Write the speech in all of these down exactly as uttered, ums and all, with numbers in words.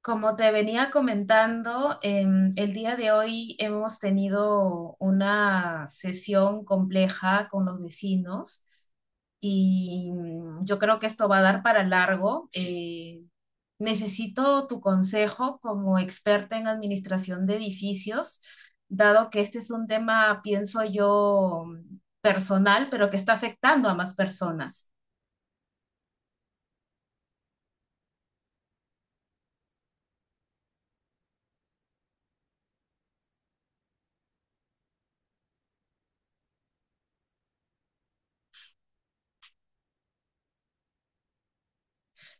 Como te venía comentando, em, el día de hoy hemos tenido una sesión compleja con los vecinos y mm, yo creo que esto va a dar para largo. Eh, necesito tu consejo como experta en administración de edificios, dado que este es un tema, pienso yo, mm, personal, pero que está afectando a más personas.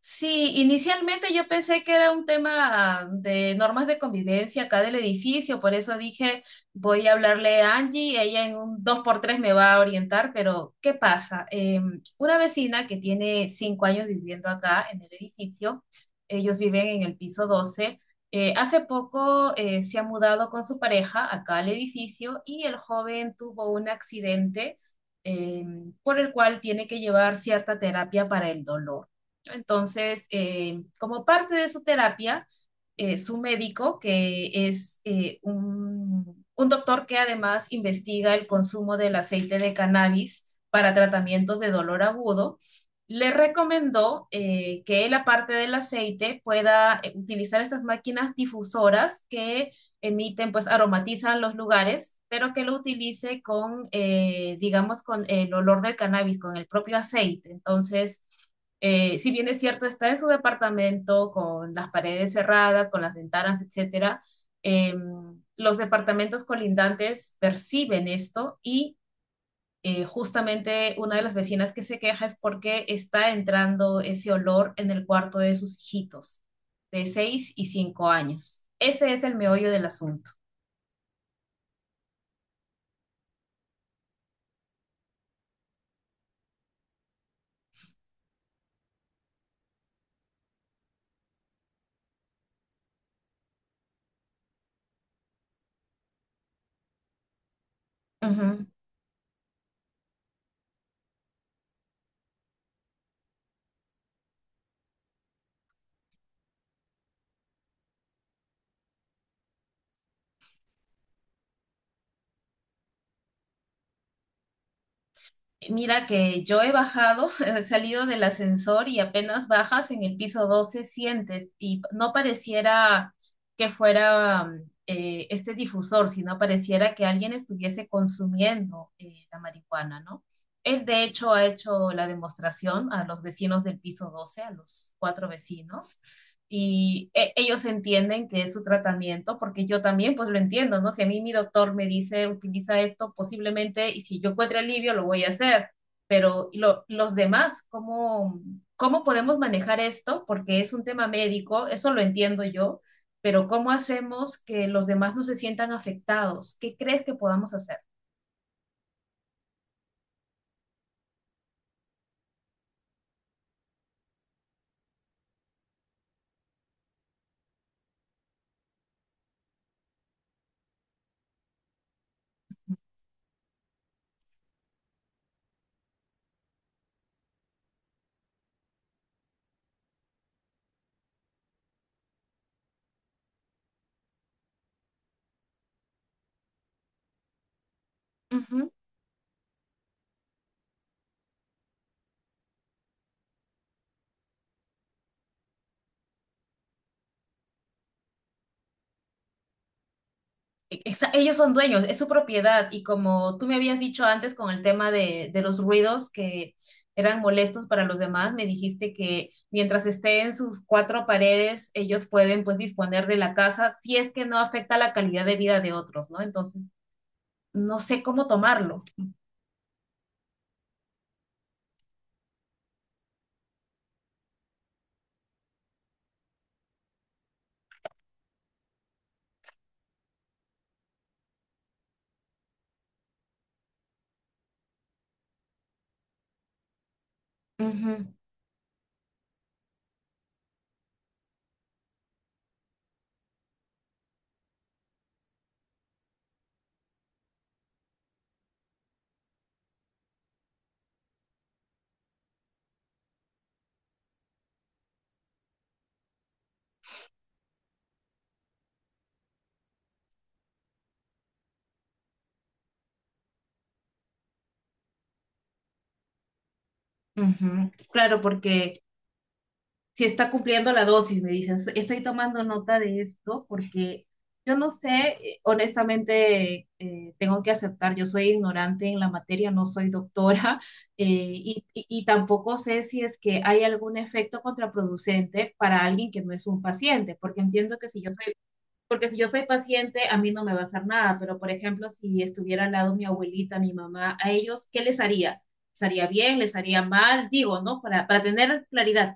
Sí, inicialmente yo pensé que era un tema de normas de convivencia acá del edificio, por eso dije, voy a hablarle a Angie, ella en un dos por tres me va a orientar, pero ¿qué pasa? Eh, una vecina que tiene cinco años viviendo acá en el edificio, ellos viven en el piso doce, eh, hace poco eh, se ha mudado con su pareja acá al edificio y el joven tuvo un accidente eh, por el cual tiene que llevar cierta terapia para el dolor. Entonces, eh, como parte de su terapia, eh, su médico, que es eh, un, un doctor que además investiga el consumo del aceite de cannabis para tratamientos de dolor agudo, le recomendó eh, que él, aparte del aceite, pueda eh, utilizar estas máquinas difusoras que emiten, pues aromatizan los lugares, pero que lo utilice con, eh, digamos, con el olor del cannabis, con el propio aceite. Entonces, eh, si bien es cierto, está en su departamento con las paredes cerradas, con las ventanas, etcétera, eh, los departamentos colindantes perciben esto y eh, justamente una de las vecinas que se queja es porque está entrando ese olor en el cuarto de sus hijitos de seis y cinco años. Ese es el meollo del asunto. Mira que yo he bajado, he salido del ascensor y apenas bajas en el piso doce sientes y no pareciera que fuera mm, eh, este difusor, sino pareciera que alguien estuviese consumiendo eh, la marihuana, ¿no? Él de hecho ha hecho la demostración a los vecinos del piso doce, a los cuatro vecinos, y e- ellos entienden que es su tratamiento, porque yo también pues lo entiendo, ¿no? Si a mí mi doctor me dice utiliza esto posiblemente y si yo encuentro alivio lo voy a hacer, pero ¿y lo- los demás? ¿cómo, cómo podemos manejar esto? Porque es un tema médico, eso lo entiendo yo, pero ¿cómo hacemos que los demás no se sientan afectados? ¿Qué crees que podamos hacer? Exa- ellos son dueños, es su propiedad. Y como tú me habías dicho antes con el tema de, de los ruidos que eran molestos para los demás, me dijiste que mientras esté en sus cuatro paredes, ellos pueden pues disponer de la casa si es que no afecta la calidad de vida de otros, ¿no? Entonces, no sé cómo tomarlo. Ujú, ujú. Claro, porque si está cumpliendo la dosis, me dicen, estoy tomando nota de esto porque yo no sé, eh, honestamente, eh, tengo que aceptar, yo soy ignorante en la materia, no soy doctora eh, y, y- y tampoco sé si es que hay algún efecto contraproducente para alguien que no es un paciente, porque entiendo que si yo soy, porque si yo soy paciente, a mí no me va a hacer nada, pero por ejemplo, si estuviera al lado mi abuelita, mi mamá, a ellos, ¿qué les haría? ¿Les haría bien? ¿Les haría mal? Digo, ¿no? Para, para tener claridad.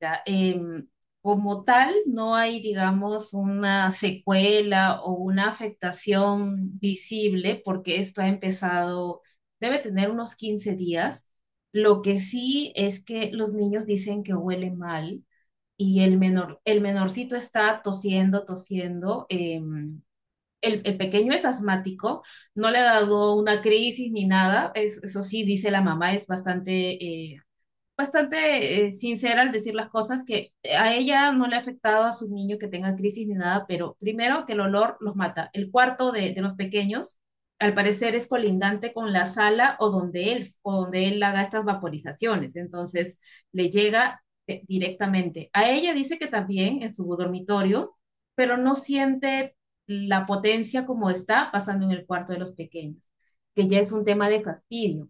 Ya, em, como tal, no hay, digamos, una secuela o una afectación visible porque esto ha empezado, debe tener unos quince días. Lo que sí es que los niños dicen que huele mal y el menor, el menorcito está tosiendo, tosiendo. em, el, el pequeño es asmático, no le ha dado una crisis ni nada. es- eso sí, dice la mamá, es bastante eh, bastante eh, sincera al decir las cosas, que a ella no le ha afectado a sus niños que tengan crisis ni nada, pero primero que el olor los mata. El cuarto de, de los pequeños, al parecer, es colindante con la sala o donde él, o donde él haga estas vaporizaciones, entonces le llega eh, directamente. A ella dice que también en su dormitorio, pero no siente la potencia como está pasando en el cuarto de los pequeños, que ya es un tema de fastidio.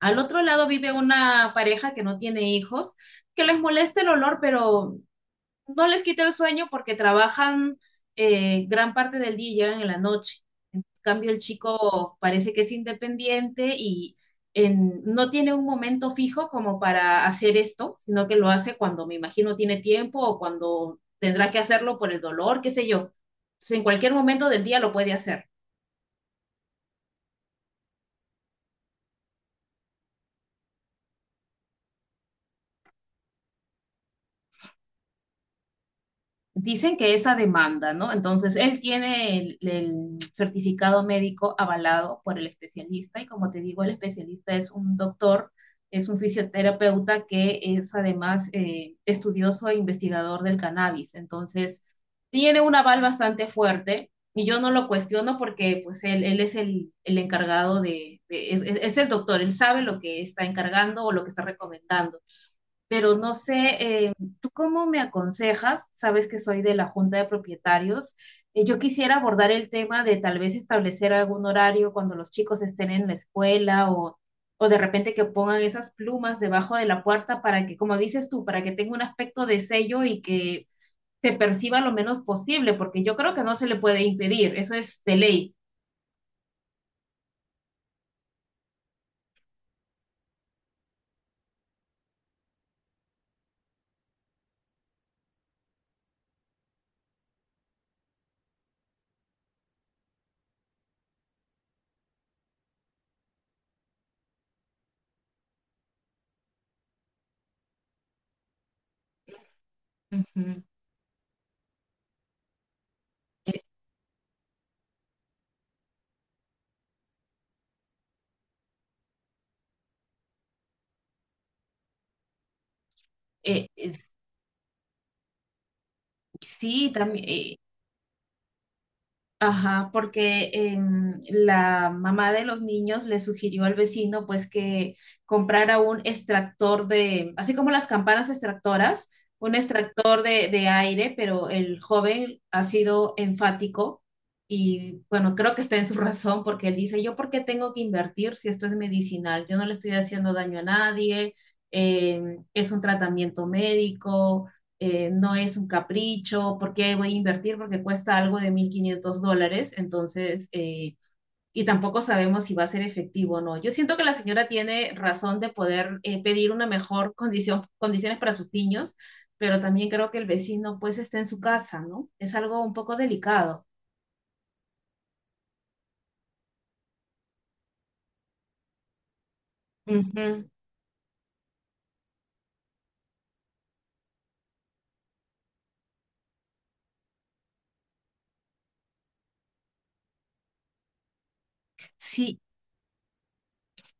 Al otro lado vive una pareja que no tiene hijos, que les molesta el olor, pero no les quita el sueño porque trabajan eh, gran parte del día y llegan en la noche. En cambio, el chico parece que es independiente y en- no tiene un momento fijo como para hacer esto, sino que lo hace cuando me imagino tiene tiempo o cuando tendrá que hacerlo por el dolor, qué sé yo. Entonces, en cualquier momento del día lo puede hacer. Dicen que esa demanda, ¿no? Entonces, él tiene el, el certificado médico avalado por el especialista y como te digo, el especialista es un doctor, es un fisioterapeuta que es además eh, estudioso e investigador del cannabis. Entonces, tiene un aval bastante fuerte y yo no lo cuestiono porque pues él, él es el, el encargado de, de- es, es es el doctor, él sabe lo que está encargando o lo que está recomendando, pero no sé, eh, ¿tú cómo me aconsejas? Sabes que soy de la Junta de Propietarios. Eh, yo quisiera abordar el tema de tal vez establecer algún horario cuando los chicos estén en la escuela, o, o de repente que pongan esas plumas debajo de la puerta para que, como dices tú, para que tenga un aspecto de sello y que se perciba lo menos posible, porque yo creo que no se le puede impedir, eso es de ley. Ujú. Eh, eh, es- sí, también. Ajá, porque em, la mamá de los niños le sugirió al vecino pues que comprara un extractor de, así como las campanas extractoras, un extractor de, de aire, pero el joven ha sido enfático y bueno, creo que está en su razón porque él dice, yo por qué tengo que invertir si esto es medicinal, yo no le estoy haciendo daño a nadie, em, es un tratamiento médico, eh, no es un capricho, ¿por qué voy a invertir? Porque cuesta algo de mil quinientos dólares, entonces, eh, y tampoco sabemos si va a ser efectivo o no. Yo siento que la señora tiene razón de poder eh, pedir una mejor condición, condiciones para sus niños, pero también creo que el vecino pues está en su casa, ¿no? Es algo un poco delicado. Ujú. Sí,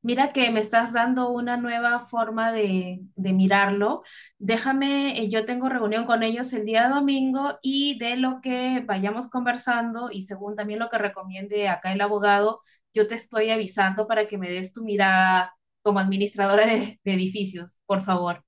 Mira que me estás dando una nueva forma de, de mirarlo. Déjame, eh, yo tengo reunión con ellos el día domingo y de lo que vayamos conversando y según también lo que recomiende acá el abogado, yo te estoy avisando para que me des tu mirada como administradora de, de edificios, por favor.